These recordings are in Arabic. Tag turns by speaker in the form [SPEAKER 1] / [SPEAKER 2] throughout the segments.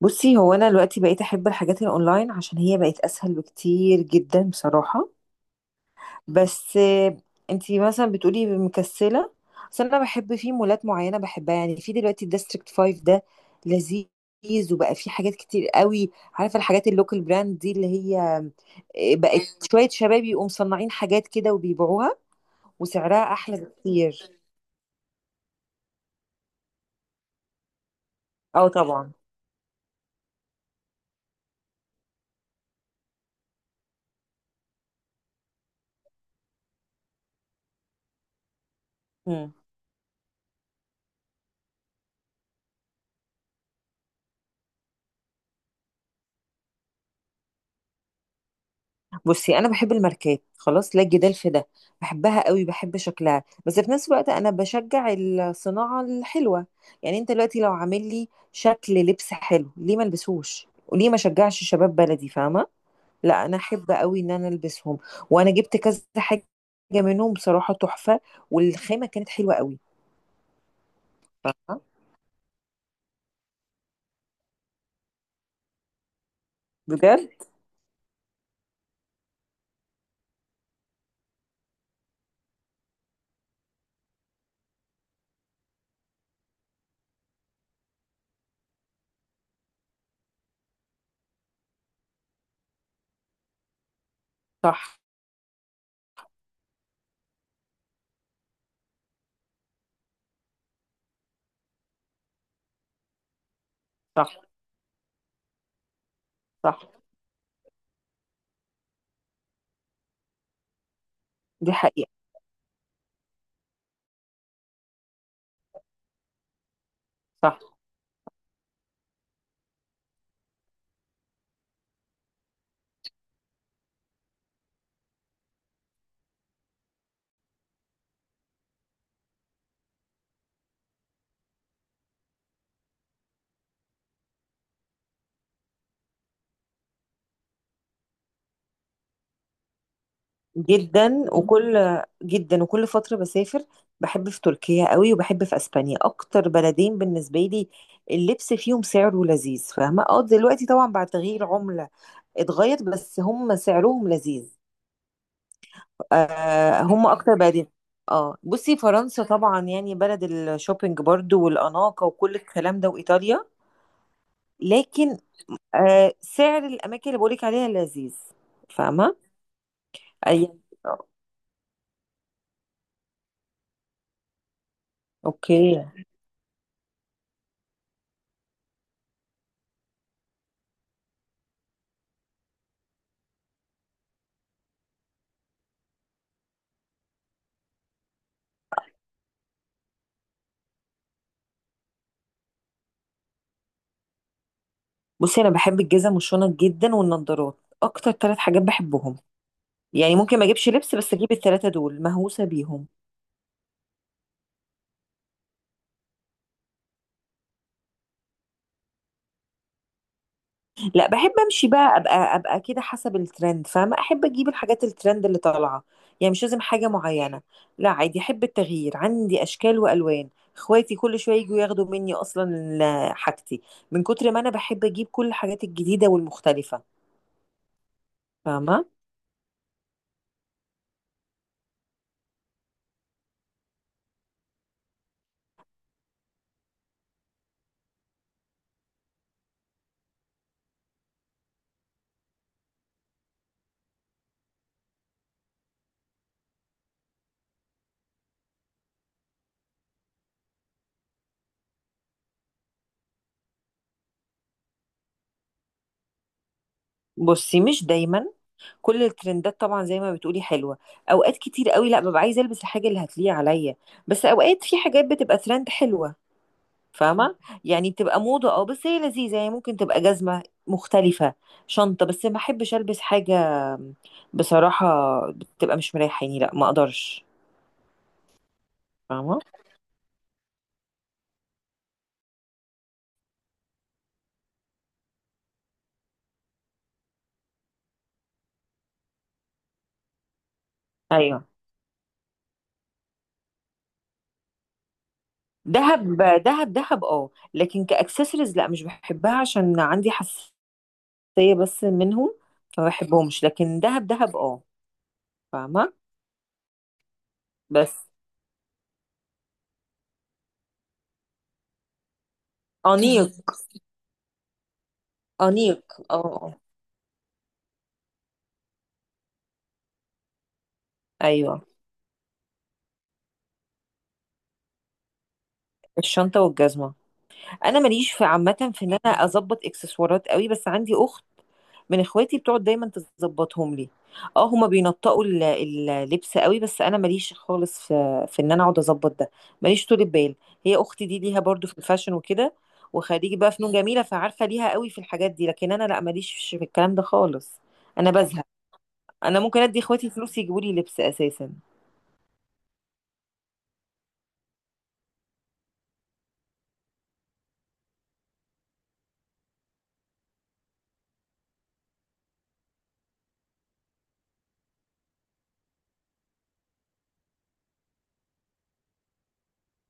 [SPEAKER 1] بصي، هو انا دلوقتي بقيت احب الحاجات الاونلاين عشان هي بقت اسهل بكتير جدا بصراحه. بس انتي مثلا بتقولي مكسله. بس انا بحب في مولات معينه بحبها، يعني في دلوقتي الديستريكت 5 ده لذيذ، وبقى في حاجات كتير قوي، عارفه الحاجات اللوكال براند دي اللي هي، بقت شويه شباب يقوموا مصنعين حاجات كده وبيبيعوها، وسعرها احلى بكتير. اه طبعا. مم. بصي انا بحب الماركات، خلاص لا جدال في ده، بحبها قوي، بحب شكلها، بس في نفس الوقت انا بشجع الصناعه الحلوه. يعني انت دلوقتي لو عامل لي شكل لبس حلو، ليه ما البسوش وليه ما شجعش شباب بلدي؟ فاهمه. لا انا احب قوي ان انا البسهم، وانا جبت كذا حاجه منهم بصراحه تحفه، والخامه كانت حلوه قوي. فاهمه، بجد. صح، صح، صح، دي حقيقه. صح جدا. وكل جدا وكل فترة بسافر. بحب في تركيا قوي، وبحب في اسبانيا، اكتر بلدين بالنسبة لي. اللبس فيهم سعره لذيذ، فاهمة، اه دلوقتي طبعا بعد تغيير عملة اتغير، بس هم سعرهم لذيذ. هم اكتر بلدين. اه بصي، فرنسا طبعا يعني بلد الشوبينج برضو، والاناقة وكل الكلام ده، وايطاليا. لكن سعر الاماكن اللي بقولك عليها لذيذ. فاهمة، اي، آه، اوكي. بصي انا بحب الجزم والشنط جدا والنضارات، اكتر ثلاث حاجات بحبهم. يعني ممكن ما اجيبش لبس بس اجيب الثلاثه دول، مهووسه بيهم. لا، بحب امشي بقى ابقى كده حسب الترند، فاهمه، احب اجيب الحاجات الترند اللي طالعه. يعني مش لازم حاجه معينه. لا، عادي، احب التغيير، عندي اشكال والوان. اخواتي كل شويه يجوا ياخدوا مني، اصلا حاجتي من كتر ما انا بحب اجيب كل الحاجات الجديده والمختلفه. فاهمه. بصي، مش دايما كل الترندات طبعا زي ما بتقولي حلوه. اوقات كتير قوي لا، ببقى عايزه البس الحاجه اللي هتليق عليا. بس اوقات في حاجات بتبقى ترند حلوه، فاهمه، يعني بتبقى موضه، اه، بس هي لذيذه، يعني ممكن تبقى جزمه مختلفه، شنطه. بس ما احبش البس حاجه بصراحه بتبقى مش مريحاني، لا ما اقدرش. فاهمه. ايوه. دهب، دهب دهب اه، لكن كاكسسوارز لا، مش بحبها عشان عندي حساسيه بس منهم، فما بحبهمش. لكن دهب دهب اه. فاهمه. بس انيق، انيق اه. آه. ايوه. الشنطه والجزمه. انا ماليش في عامه في ان انا اظبط اكسسوارات قوي، بس عندي اخت من اخواتي بتقعد دايما تظبطهم لي. اه، هما بينطقوا اللبس قوي، بس انا ماليش خالص في ان انا اقعد اظبط ده، ماليش طول بال. هي اختي دي ليها برضو في الفاشن وكده، وخريجه بقى فنون جميله، فعارفه ليها قوي في الحاجات دي، لكن انا لا، ماليش في الكلام ده خالص. انا بزهق. انا ممكن ادي اخواتي فلوس يجيبوا لي لبس اساسا.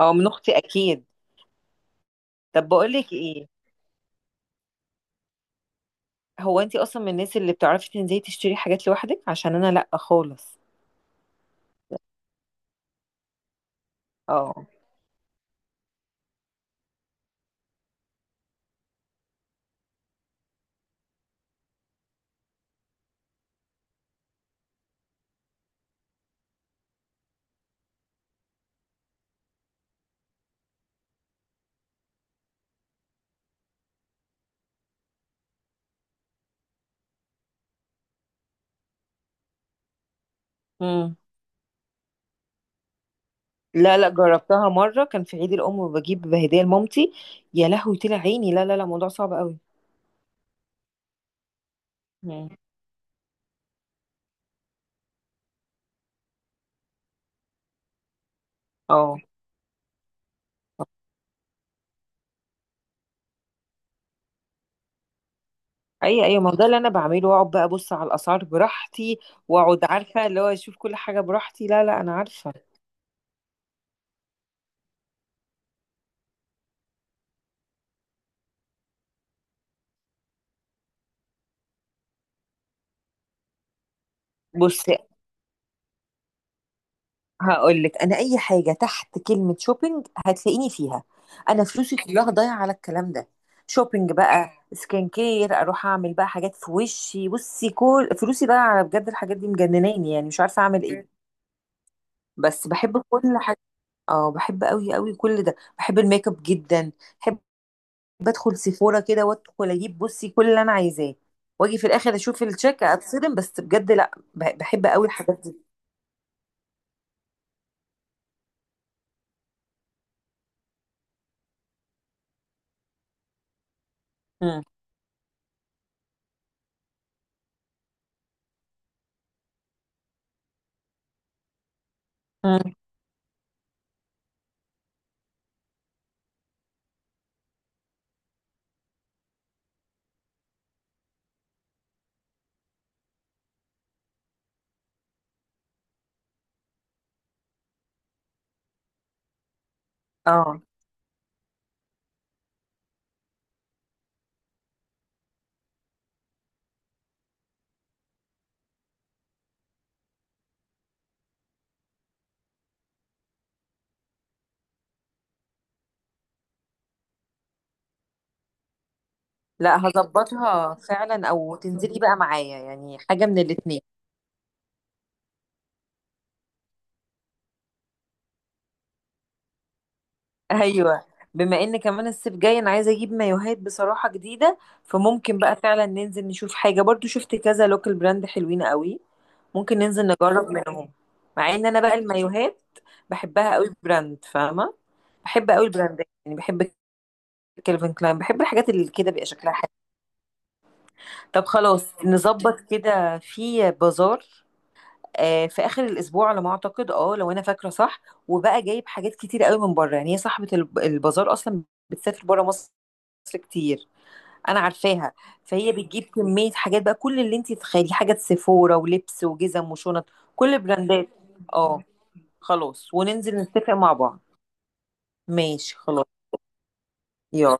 [SPEAKER 1] اه، من اختي اكيد. طب بقول لك ايه، هو انتي اصلا من الناس اللي بتعرفي تنزلي تشتري حاجات لوحدك؟ عشان انا لا خالص. اه. امم. لا لا، جربتها مره، كان في عيد الام وبجيب هديه لمامتي، يا لهوي طلع عيني، لا لا لا، موضوع صعب قوي. مم. اه. اي اي، ما هو ده اللي انا بعمله، واقعد بقى ابص على الاسعار براحتي، واقعد عارفه اللي هو اشوف كل حاجه براحتي. لا لا انا عارفه. بص، هقول لك، انا اي حاجه تحت كلمه شوبينج هتلاقيني فيها. انا فلوسي كلها ضايعه على الكلام ده، شوبينج، بقى سكين كير، اروح اعمل بقى حاجات في وشي. بصي كل فلوسي ضايعه على، بجد، الحاجات دي مجنناني، يعني مش عارفه اعمل ايه، بس بحب كل حاجه. اه، بحب قوي قوي كل ده، بحب الميك اب جدا. بحب ادخل سيفورا كده وادخل اجيب، بصي، كل اللي انا عايزاه، واجي في الاخر اشوف الشيك اتصدم، بس بجد لا بحب قوي الحاجات دي. امم. امم. اه. لا، هظبطها فعلا، او تنزلي بقى معايا، يعني حاجه من الاتنين. ايوه، بما ان كمان الصيف جاي، انا عايزه اجيب مايوهات بصراحه جديده، فممكن بقى فعلا ننزل نشوف حاجه. برضو شفت كذا لوكال براند حلوين قوي، ممكن ننزل نجرب منهم. مع ان انا بقى المايوهات بحبها قوي براند، فاهمه، بحب قوي البراندات، يعني بحب كيلفن كلاين، بحب الحاجات اللي كده بيبقى شكلها حلو. طب خلاص، نظبط كده في بازار في اخر الاسبوع على ما اعتقد، اه لو انا فاكره صح. وبقى جايب حاجات كتير قوي من بره، يعني هي صاحبه البازار اصلا بتسافر بره مصر كتير، انا عارفاها، فهي بتجيب كميه حاجات بقى، كل اللي انت تتخيليه، حاجات سيفورا ولبس وجزم وشنط، كل براندات. اه، خلاص، وننزل نتفق مع بعض. ماشي خلاص. يلا.